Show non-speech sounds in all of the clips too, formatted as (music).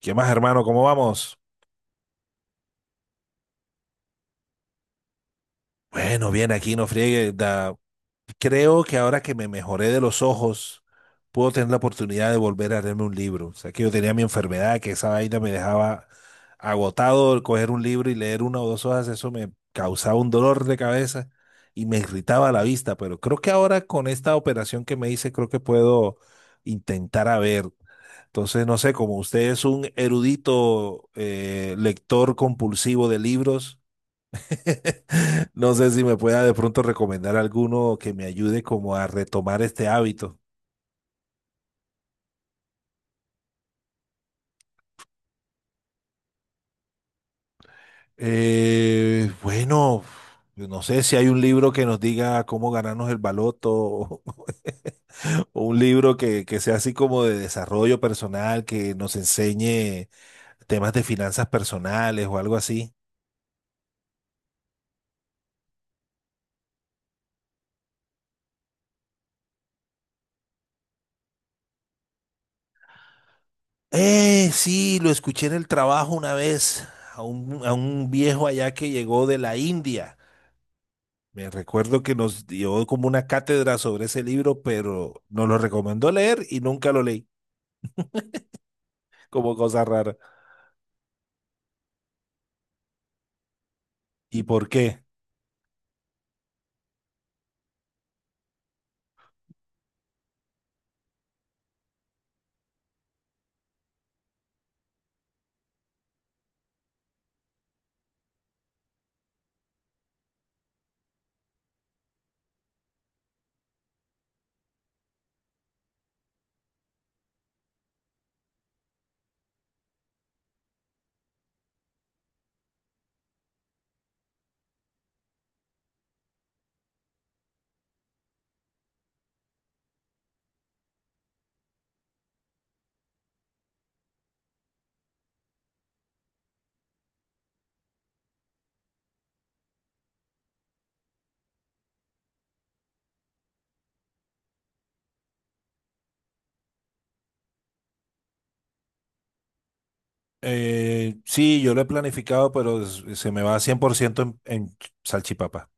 ¿Qué más, hermano? ¿Cómo vamos? Bueno, bien, aquí no friegue. Creo que ahora que me mejoré de los ojos, puedo tener la oportunidad de volver a leerme un libro. O sea, que yo tenía mi enfermedad, que esa vaina me dejaba agotado. Coger un libro y leer una o dos hojas, eso me causaba un dolor de cabeza y me irritaba la vista. Pero creo que ahora con esta operación que me hice, creo que puedo intentar a ver. Entonces, no sé, como usted es un erudito lector compulsivo de libros. (laughs) No sé si me pueda de pronto recomendar alguno que me ayude como a retomar este hábito. Bueno, no sé si hay un libro que nos diga cómo ganarnos el baloto (laughs) o un libro que sea así como de desarrollo personal, que nos enseñe temas de finanzas personales o algo así. Sí, lo escuché en el trabajo una vez a a un viejo allá que llegó de la India. Me recuerdo que nos dio como una cátedra sobre ese libro, pero nos lo recomendó leer y nunca lo leí, como cosa rara. ¿Y por qué? Sí, yo lo he planificado, pero se me va 100% en salchipapa.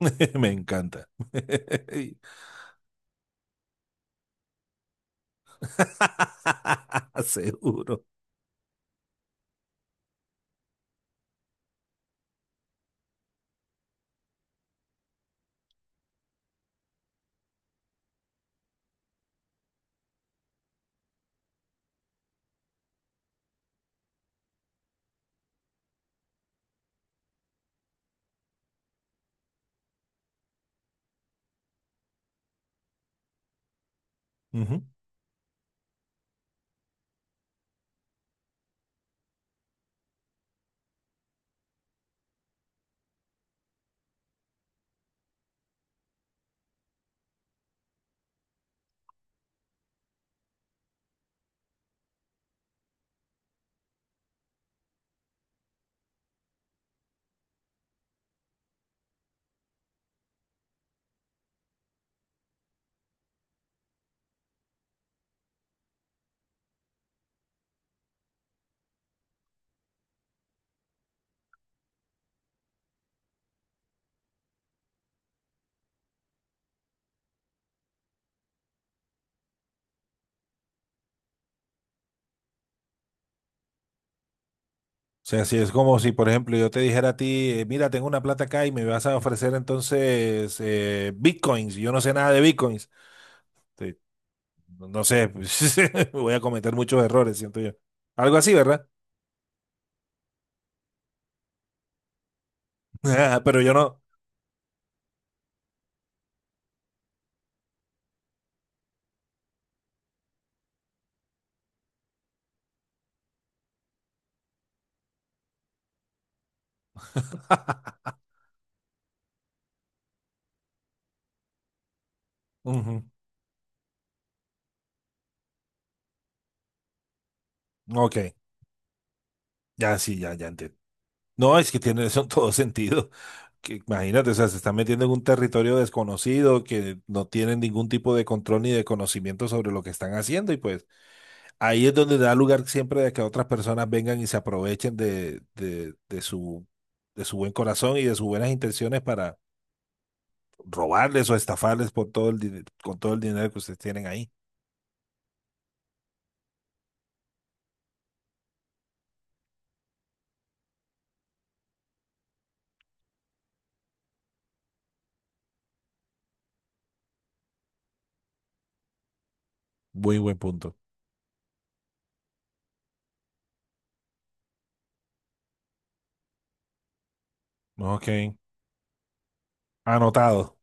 (laughs) Me encanta. (laughs) Seguro. Ujú. O sea, si es como si, por ejemplo, yo te dijera a ti, mira, tengo una plata acá y me vas a ofrecer entonces bitcoins. Y yo no sé nada de bitcoins. No sé, pues, (laughs) voy a cometer muchos errores, siento yo. Algo así, ¿verdad? (laughs) Pero yo no. (laughs) Ujú. Ok, ya sí, ya, ya entiendo. No, es que tiene eso en todo sentido. Que, imagínate, o sea, se están metiendo en un territorio desconocido que no tienen ningún tipo de control ni de conocimiento sobre lo que están haciendo y pues ahí es donde da lugar siempre de que otras personas vengan y se aprovechen de su buen corazón y de sus buenas intenciones para robarles o estafarles por todo con todo el dinero que ustedes tienen ahí. Muy buen punto. Ok, anotado.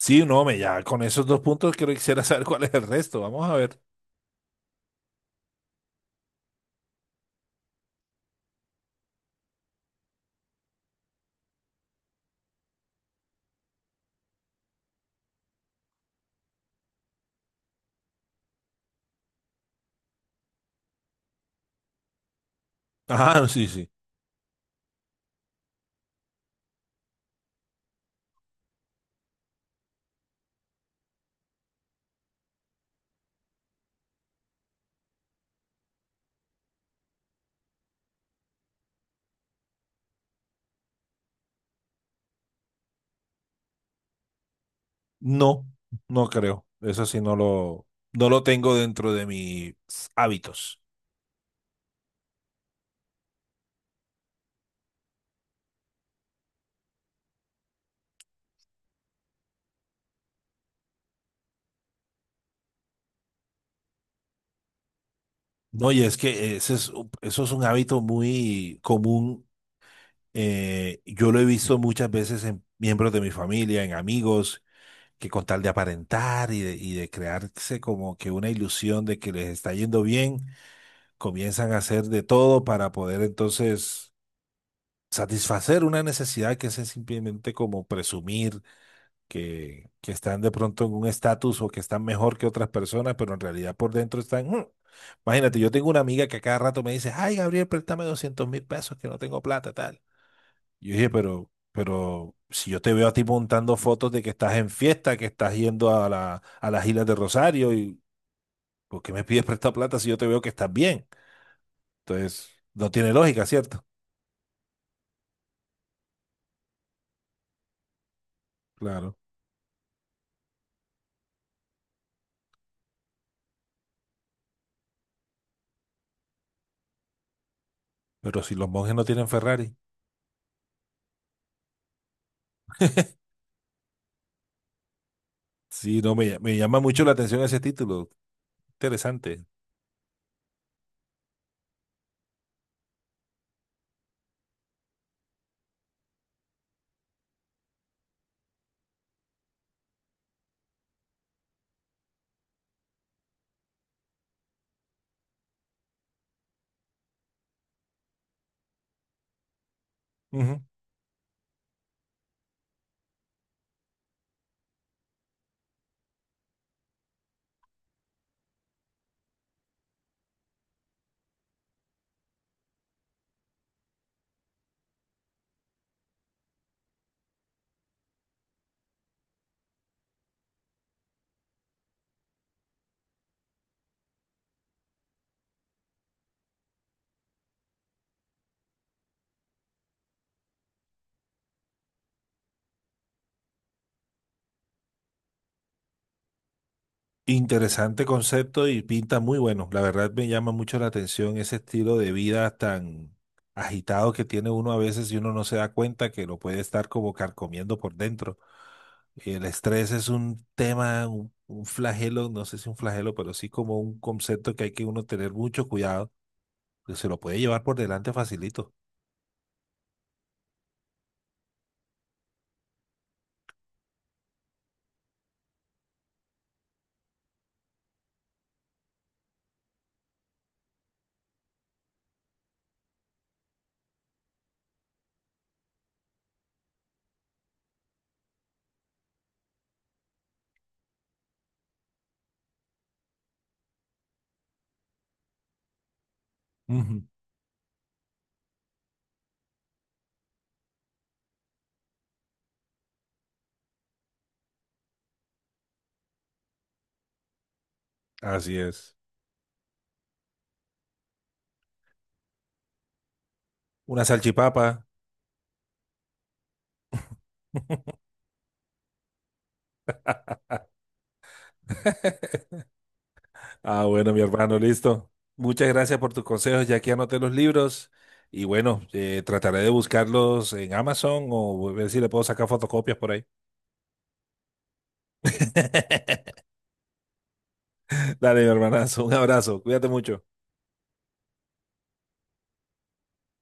Sí, no, me ya con esos dos puntos quiero quisiera (laughs) saber cuál es el resto. Vamos a ver. Ah, sí, sí. No, no creo. Eso sí no lo tengo dentro de mis hábitos. No, y es que eso es un hábito muy común. Eh, yo lo he visto muchas veces en miembros de mi familia, en amigos, que con tal de aparentar y de crearse como que una ilusión de que les está yendo bien comienzan a hacer de todo para poder entonces satisfacer una necesidad que es simplemente como presumir que están de pronto en un estatus o que están mejor que otras personas, pero en realidad por dentro están... Mm. Imagínate, yo tengo una amiga que a cada rato me dice, ay, Gabriel, préstame 200.000 pesos que no tengo plata, tal. Y yo dije, pero si yo te veo a ti montando fotos de que estás en fiesta, que estás yendo a a las Islas de Rosario, y ¿por qué me pides (laughs) prestar plata si yo te veo que estás bien? Entonces, no tiene lógica, ¿cierto? Claro. Pero si los monjes no tienen Ferrari. Sí, no, me llama mucho la atención ese título. Interesante. Ujú. Interesante concepto y pinta muy bueno. La verdad me llama mucho la atención ese estilo de vida tan agitado que tiene uno a veces y uno no se da cuenta que lo puede estar como carcomiendo por dentro. El estrés es un tema, un flagelo, no sé si un flagelo, pero sí como un concepto que hay que uno tener mucho cuidado, que se lo puede llevar por delante facilito. Ujú. Así es. Una salchipapa. (laughs) Ah, bueno, mi hermano, listo. Muchas gracias por tus consejos. Ya que anoté los libros. Y bueno, trataré de buscarlos en Amazon o ver si le puedo sacar fotocopias por ahí. (laughs) Dale, mi hermanazo. Un abrazo. Cuídate mucho.